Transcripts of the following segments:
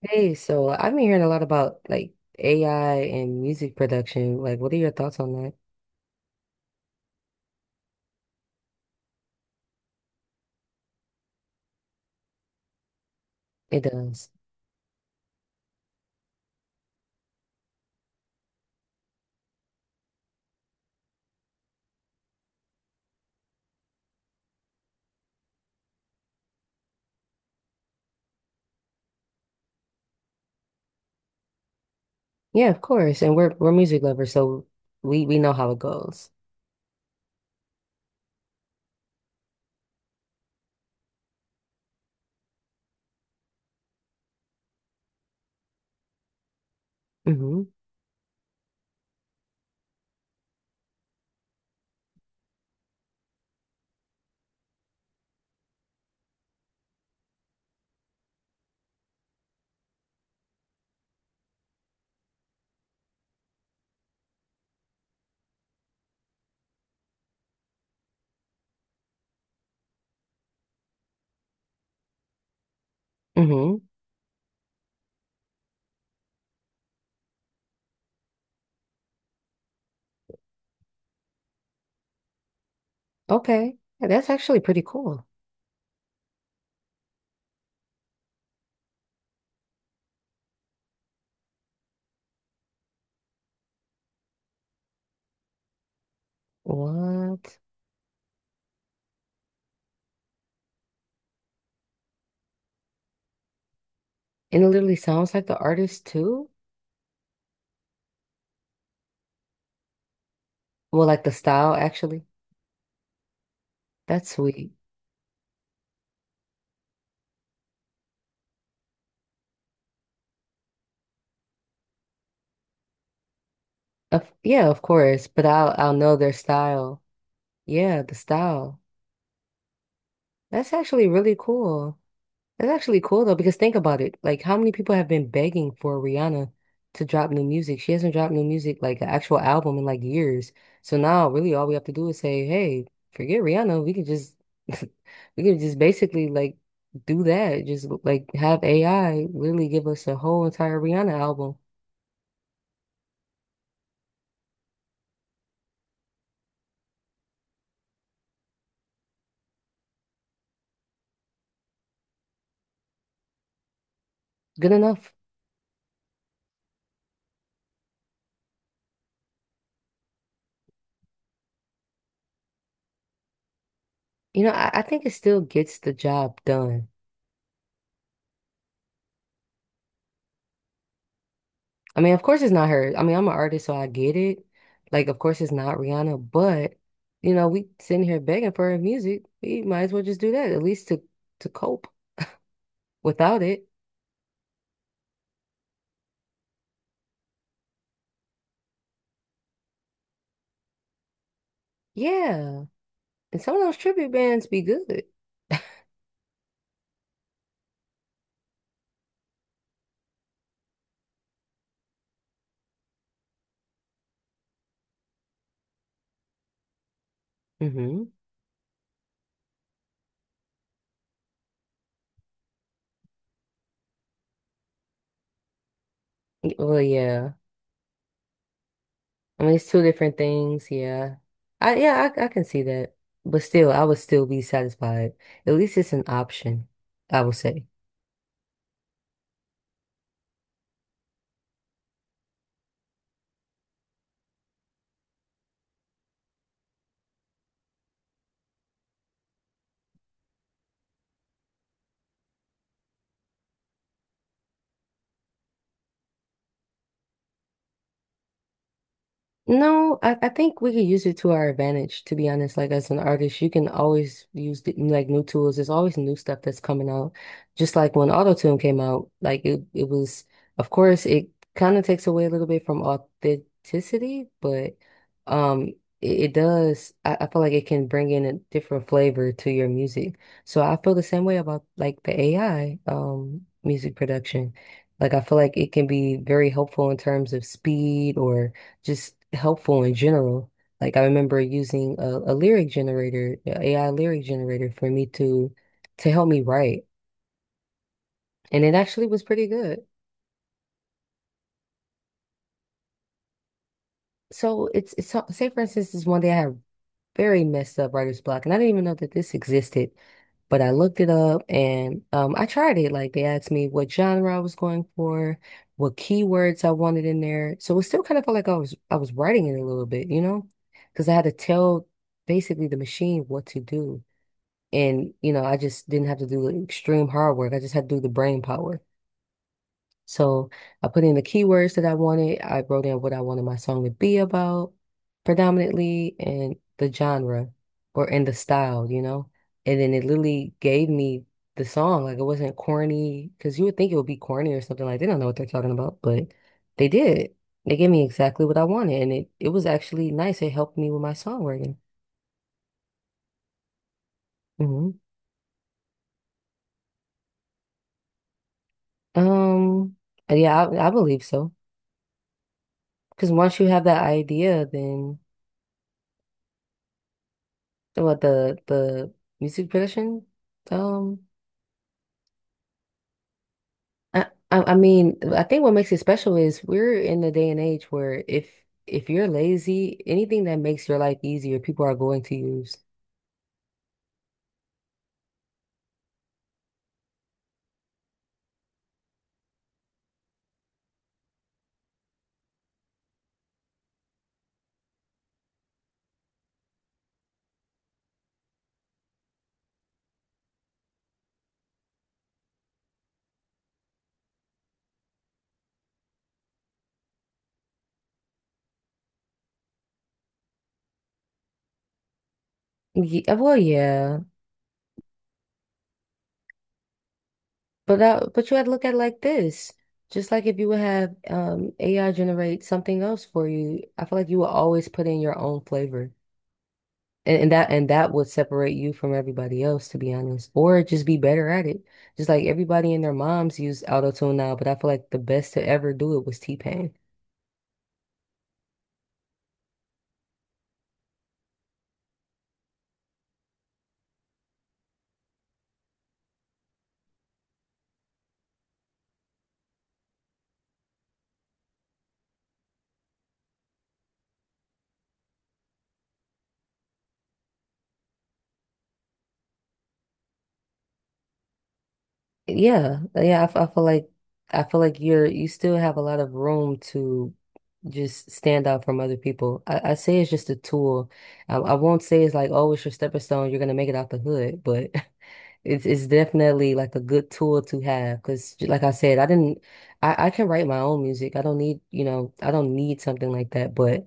Hey, so I've been hearing a lot about AI and music production. Like, what are your thoughts on that? It does. Yeah, of course. And we're music lovers, so we know how it goes. Mm-hmm. Mm-hmm. Okay. Yeah, that's actually pretty cool. What? And it literally sounds like the artist too? Well, like the style actually. That's sweet. Of, yeah, of course, but I'll know their style. Yeah, the style. That's actually really cool. That's actually cool though, because think about it. Like, how many people have been begging for Rihanna to drop new music? She hasn't dropped new music, like an actual album, in like years. So now, really, all we have to do is say, "Hey, forget Rihanna. We can just, we can just basically like do that. Just like have AI really give us a whole entire Rihanna album." Good enough. You know, I think it still gets the job done. I mean, of course it's not her. I mean, I'm an artist, so I get it. Like, of course it's not Rihanna, but you know, we sitting here begging for her music. We might as well just do that, at least to cope without it. Yeah. And some of those tribute bands be good. Hmm. Well, yeah. I mean, it's two different things. Yeah. I yeah, I can see that. But still, I would still be satisfied. At least it's an option, I would say. No, I think we could use it to our advantage, to be honest. Like as an artist, you can always use the, like new tools. There's always new stuff that's coming out. Just like when Auto-Tune came out, like it was, of course, it kind of takes away a little bit from authenticity, but um it does I feel like it can bring in a different flavor to your music. So I feel the same way about like the AI music production. Like I feel like it can be very helpful in terms of speed or just helpful in general. Like I remember using a lyric generator, a AI lyric generator for me to help me write, and it actually was pretty good. So say for instance, this one day I had very messed up writer's block, and I didn't even know that this existed, but I looked it up and I tried it. Like they asked me what genre I was going for, what keywords I wanted in there, so it still kind of felt like I was writing it a little bit, you know, because I had to tell basically the machine what to do. And, you know, I just didn't have to do the extreme hard work. I just had to do the brain power. So I put in the keywords that I wanted. I wrote in what I wanted my song to be about predominantly and the genre or in the style, you know? And then it literally gave me the song. Like it wasn't corny because you would think it would be corny or something like they don't know what they're talking about, but they did. They gave me exactly what I wanted and it was actually nice. It helped me with my songwriting. Hmm. Um, yeah, I believe so. Because once you have that idea, then what the music production, um, I mean, I think what makes it special is we're in the day and age where if you're lazy, anything that makes your life easier, people are going to use. Well, yeah, but that but you had to look at it like this. Just like if you would have AI generate something else for you, I feel like you will always put in your own flavor. And that would separate you from everybody else, to be honest, or just be better at it. Just like everybody and their moms use auto tune now, but I feel like the best to ever do it was T-Pain. Yeah, I feel like you still have a lot of room to just stand out from other people. I say it's just a tool. I won't say it's like, oh, it's your stepping stone. You're gonna make it out the hood, but It's definitely like a good tool to have because, like I said, I didn't, I can write my own music. I don't need, you know, I don't need something like that, but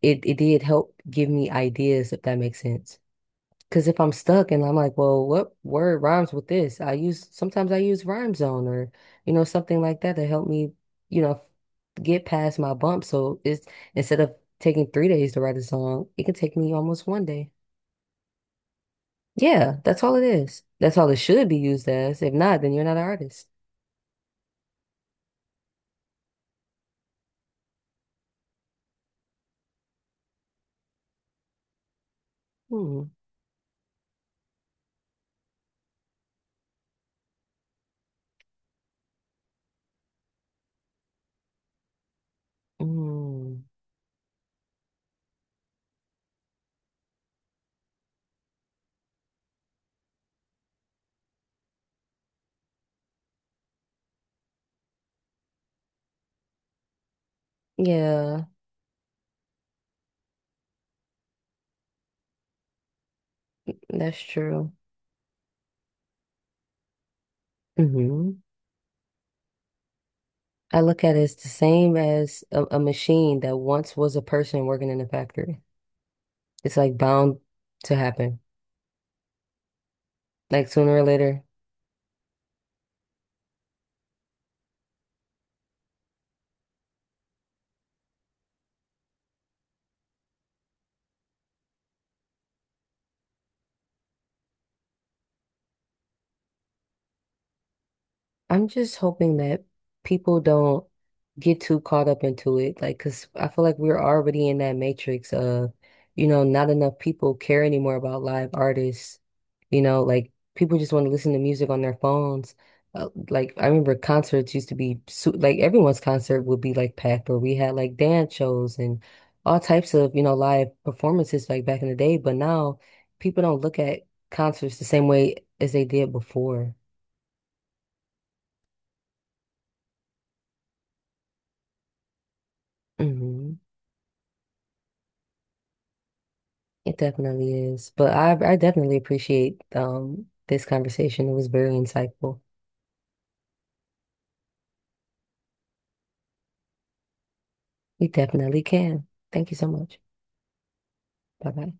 it did help give me ideas, if that makes sense. Because if I'm stuck and I'm like, well, what word rhymes with this? Sometimes I use Rhyme Zone or, you know, something like that to help me, you know, get past my bump. So it's instead of taking three days to write a song, it can take me almost one day. Yeah, that's all it is. That's all it should be used as. If not, then you're not an artist. Hmm. Mm. Yeah, that's true. Hmm. I look at it as the same as a machine that once was a person working in a factory. It's like bound to happen. Like sooner or later, I'm just hoping that people don't get too caught up into it, like, 'cause I feel like we're already in that matrix of, you know, not enough people care anymore about live artists. You know, like people just want to listen to music on their phones. Like I remember concerts used to be su like everyone's concert would be like packed, or we had like dance shows and all types of, you know, live performances like back in the day. But now people don't look at concerts the same way as they did before. Mhm. It definitely is. But I definitely appreciate this conversation. It was very insightful. We definitely can. Thank you so much. Bye bye.